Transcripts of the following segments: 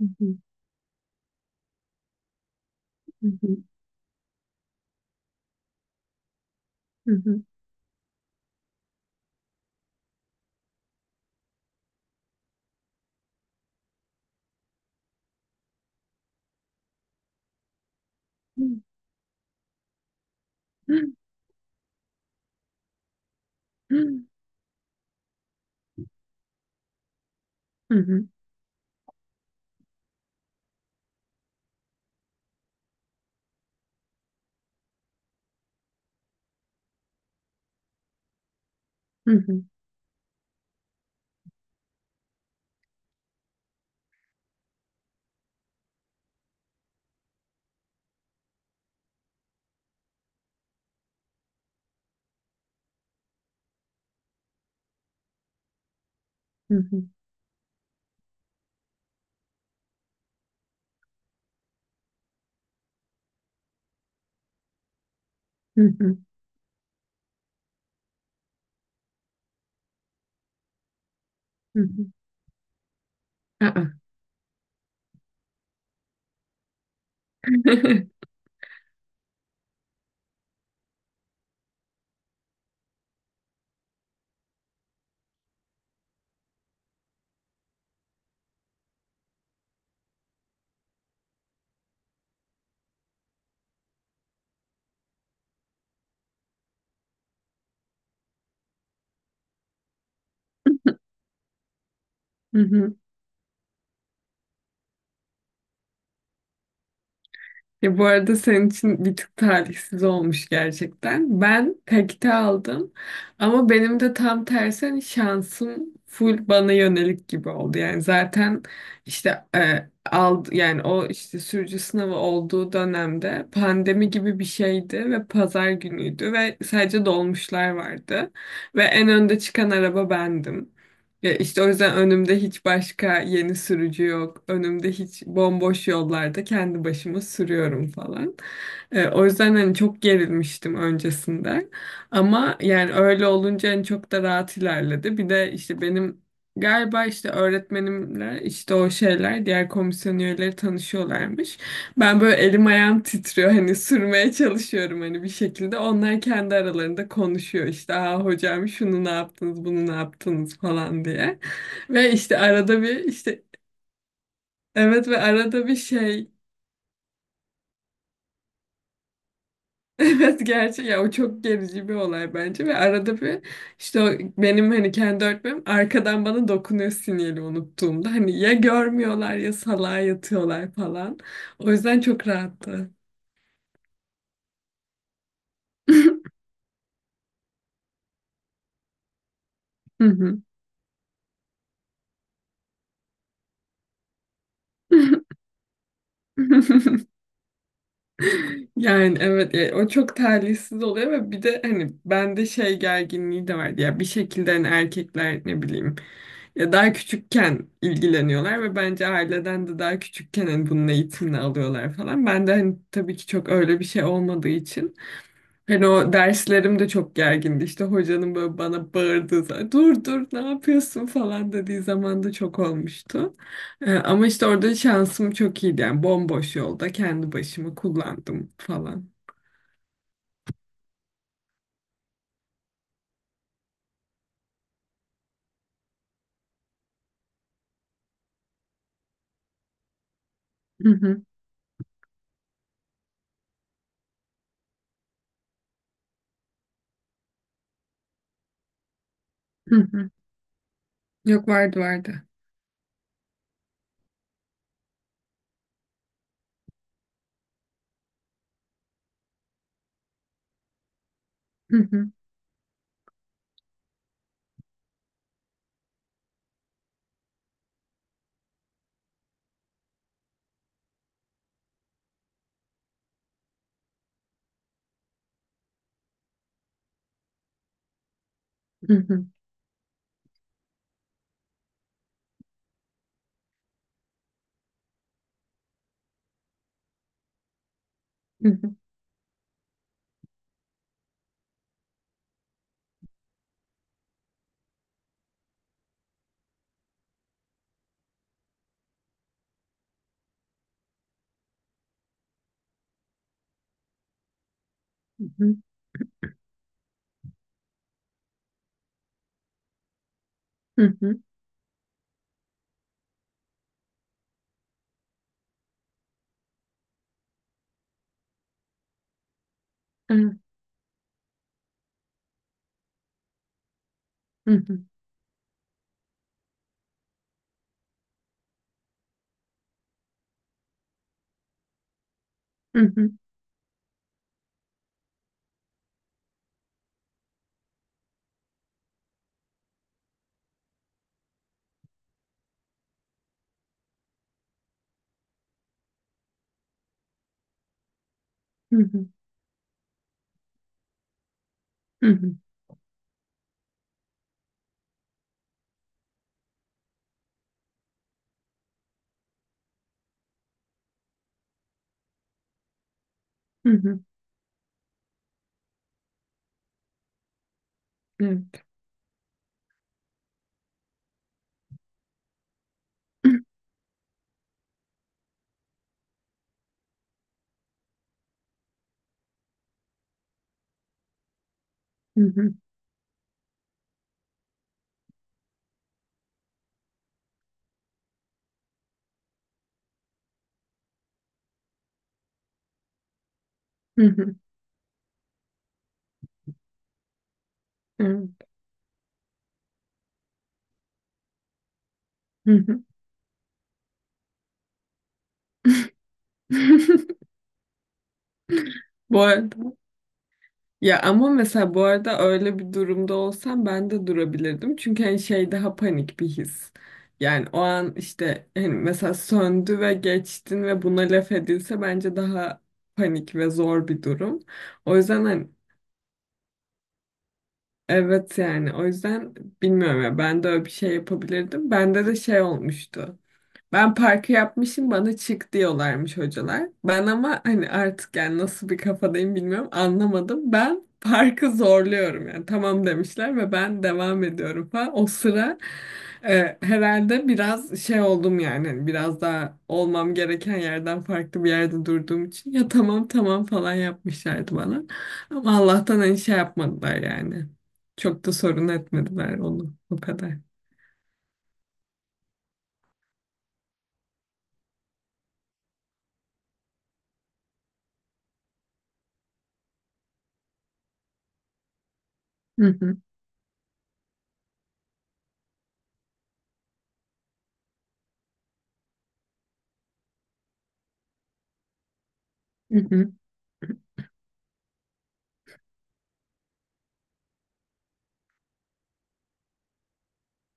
Hı hı, hı hı, hı hı. Hı hı, hı hı, hı hı, hı hı, hı hı. hı hı. Aa. Ya bu arada senin için bir tık talihsiz olmuş gerçekten. Ben takite aldım ama benim de tam tersi hani şansım full bana yönelik gibi oldu. Yani zaten işte aldı yani o işte sürücü sınavı olduğu dönemde pandemi gibi bir şeydi ve pazar günüydü ve sadece dolmuşlar vardı ve en önde çıkan araba bendim. Ya işte o yüzden önümde hiç başka yeni sürücü yok. Önümde hiç bomboş yollarda kendi başıma sürüyorum falan. O yüzden hani çok gerilmiştim öncesinde. Ama yani öyle olunca hani çok da rahat ilerledi. Bir de işte benim galiba işte öğretmenimle işte o şeyler diğer komisyon üyeleri tanışıyorlarmış. Ben böyle elim ayağım titriyor hani sürmeye çalışıyorum hani bir şekilde. Onlar kendi aralarında konuşuyor işte aa hocam şunu ne yaptınız bunu ne yaptınız falan diye. Ve işte arada bir işte evet ve arada bir şey evet gerçi ya o çok gerici bir olay bence ve arada bir işte o benim hani kendi öğretmenim arkadan bana dokunuyor sinyali unuttuğumda hani ya görmüyorlar ya salağa yatıyorlar falan. O yüzden çok rahattı. Hı hı. Yani evet ya o çok talihsiz oluyor ve bir de hani bende şey gerginliği de vardı ya bir şekilde hani erkekler ne bileyim ya daha küçükken ilgileniyorlar ve bence aileden de daha küçükken hani bunun eğitimini alıyorlar falan. Ben de hani tabii ki çok öyle bir şey olmadığı için hani o derslerim de çok gergindi. İşte hocanın böyle bana bağırdığı zaman dur dur ne yapıyorsun falan dediği zaman da çok olmuştu. Ama işte orada şansım çok iyiydi. Yani bomboş yolda kendi başımı kullandım falan. Hı hı, hı hı. Yok, vardı vardı. Hı hı, hı hı, hı hı, hı hı, hı hı, evet, hı hı, hı hı, hı hı, hı hı, hı hı, evet. Hı hı, hı hı, evet, hı hı. Bu, ya ama mesela bu arada öyle bir durumda olsam ben de durabilirdim. Çünkü hani şey daha panik bir his. Yani o an işte hani mesela söndü ve geçtin ve buna laf edilse bence daha panik ve zor bir durum. O yüzden hani evet yani o yüzden bilmiyorum ya ben de öyle bir şey yapabilirdim. Bende de şey olmuştu. Ben parkı yapmışım bana çık diyorlarmış hocalar. Ben ama hani artık yani nasıl bir kafadayım bilmiyorum anlamadım. Ben parkı zorluyorum yani tamam demişler ve ben devam ediyorum falan. O sıra herhalde biraz şey oldum yani hani biraz daha olmam gereken yerden farklı bir yerde durduğum için ya tamam tamam falan yapmışlardı bana. Ama Allah'tan hani şey yapmadılar yani. Çok da sorun etmediler onu o kadar. Hı hı, hı hı,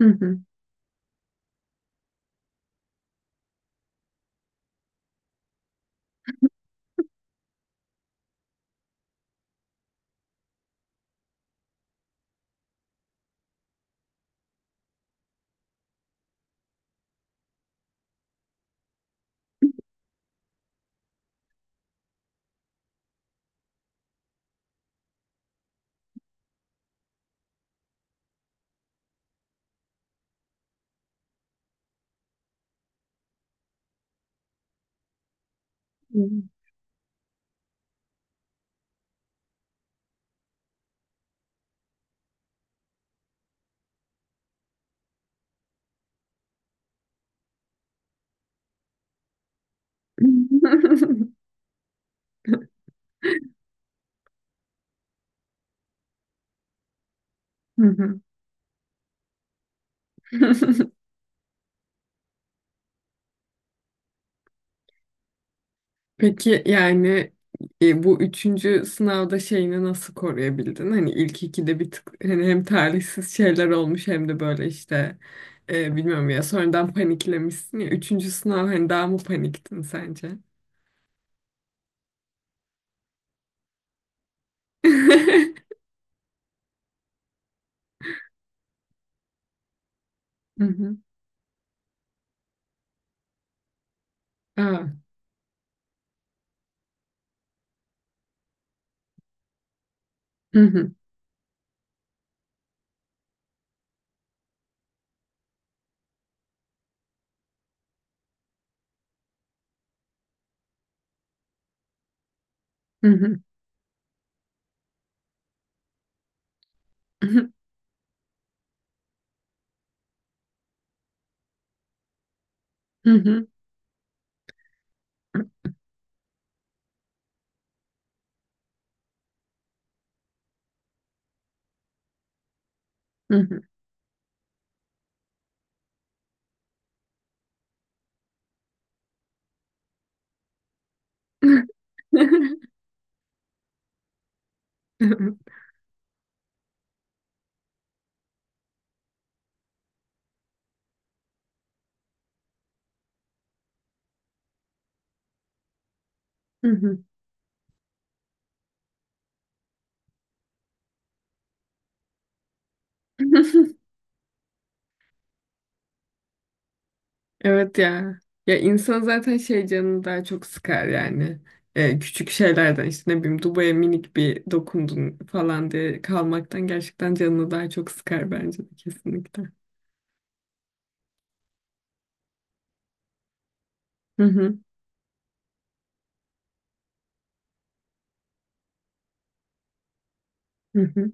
hı hı. Hı hı. Peki yani bu üçüncü sınavda şeyini nasıl koruyabildin? Hani ilk ikide bir tık hani hem talihsiz şeyler olmuş hem de böyle işte bilmiyorum ya sonradan paniklemişsin ya. Üçüncü sınav hani daha mı paniktin sence? Hı hı. Aa. Hı hı. Hı hı. Hı hı. Hı hı. Hı hı. Hı hı. Evet ya. Ya insan zaten şey canını daha çok sıkar yani. Küçük şeylerden işte ne bileyim Dubai'ye minik bir dokundun falan diye kalmaktan gerçekten canını daha çok sıkar bence de kesinlikle. Hı hı. Hı hı.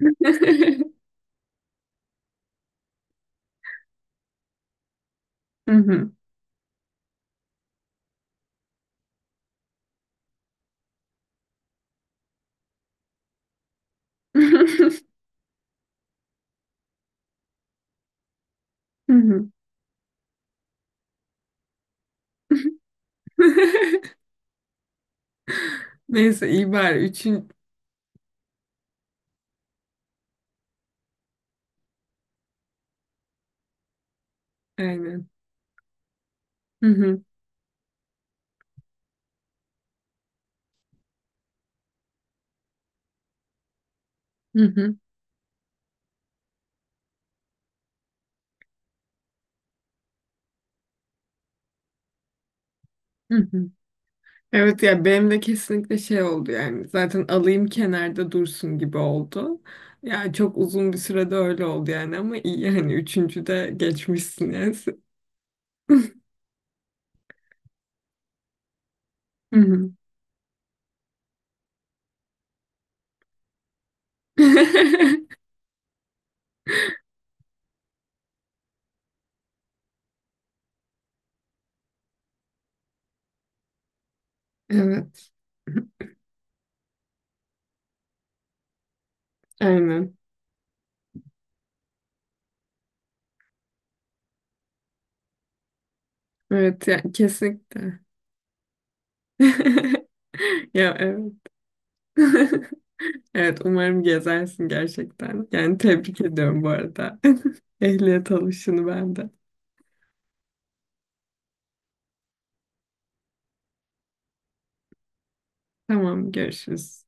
Hı hı. Hı hı. Neyse iyi bari üçün aynen. Hı hı. Hı hı. Hı hı. Evet yani benim de kesinlikle şey oldu yani zaten alayım kenarda dursun gibi oldu. Yani çok uzun bir sürede öyle oldu yani ama iyi yani üçüncüde geçmişsin yani. Hı hı. Evet. Aynen. Evet ya kesinlikle. Ya evet. Evet umarım gezersin gerçekten. Yani tebrik ediyorum bu arada. Ehliyet alışını ben de. Tamam, görüşürüz.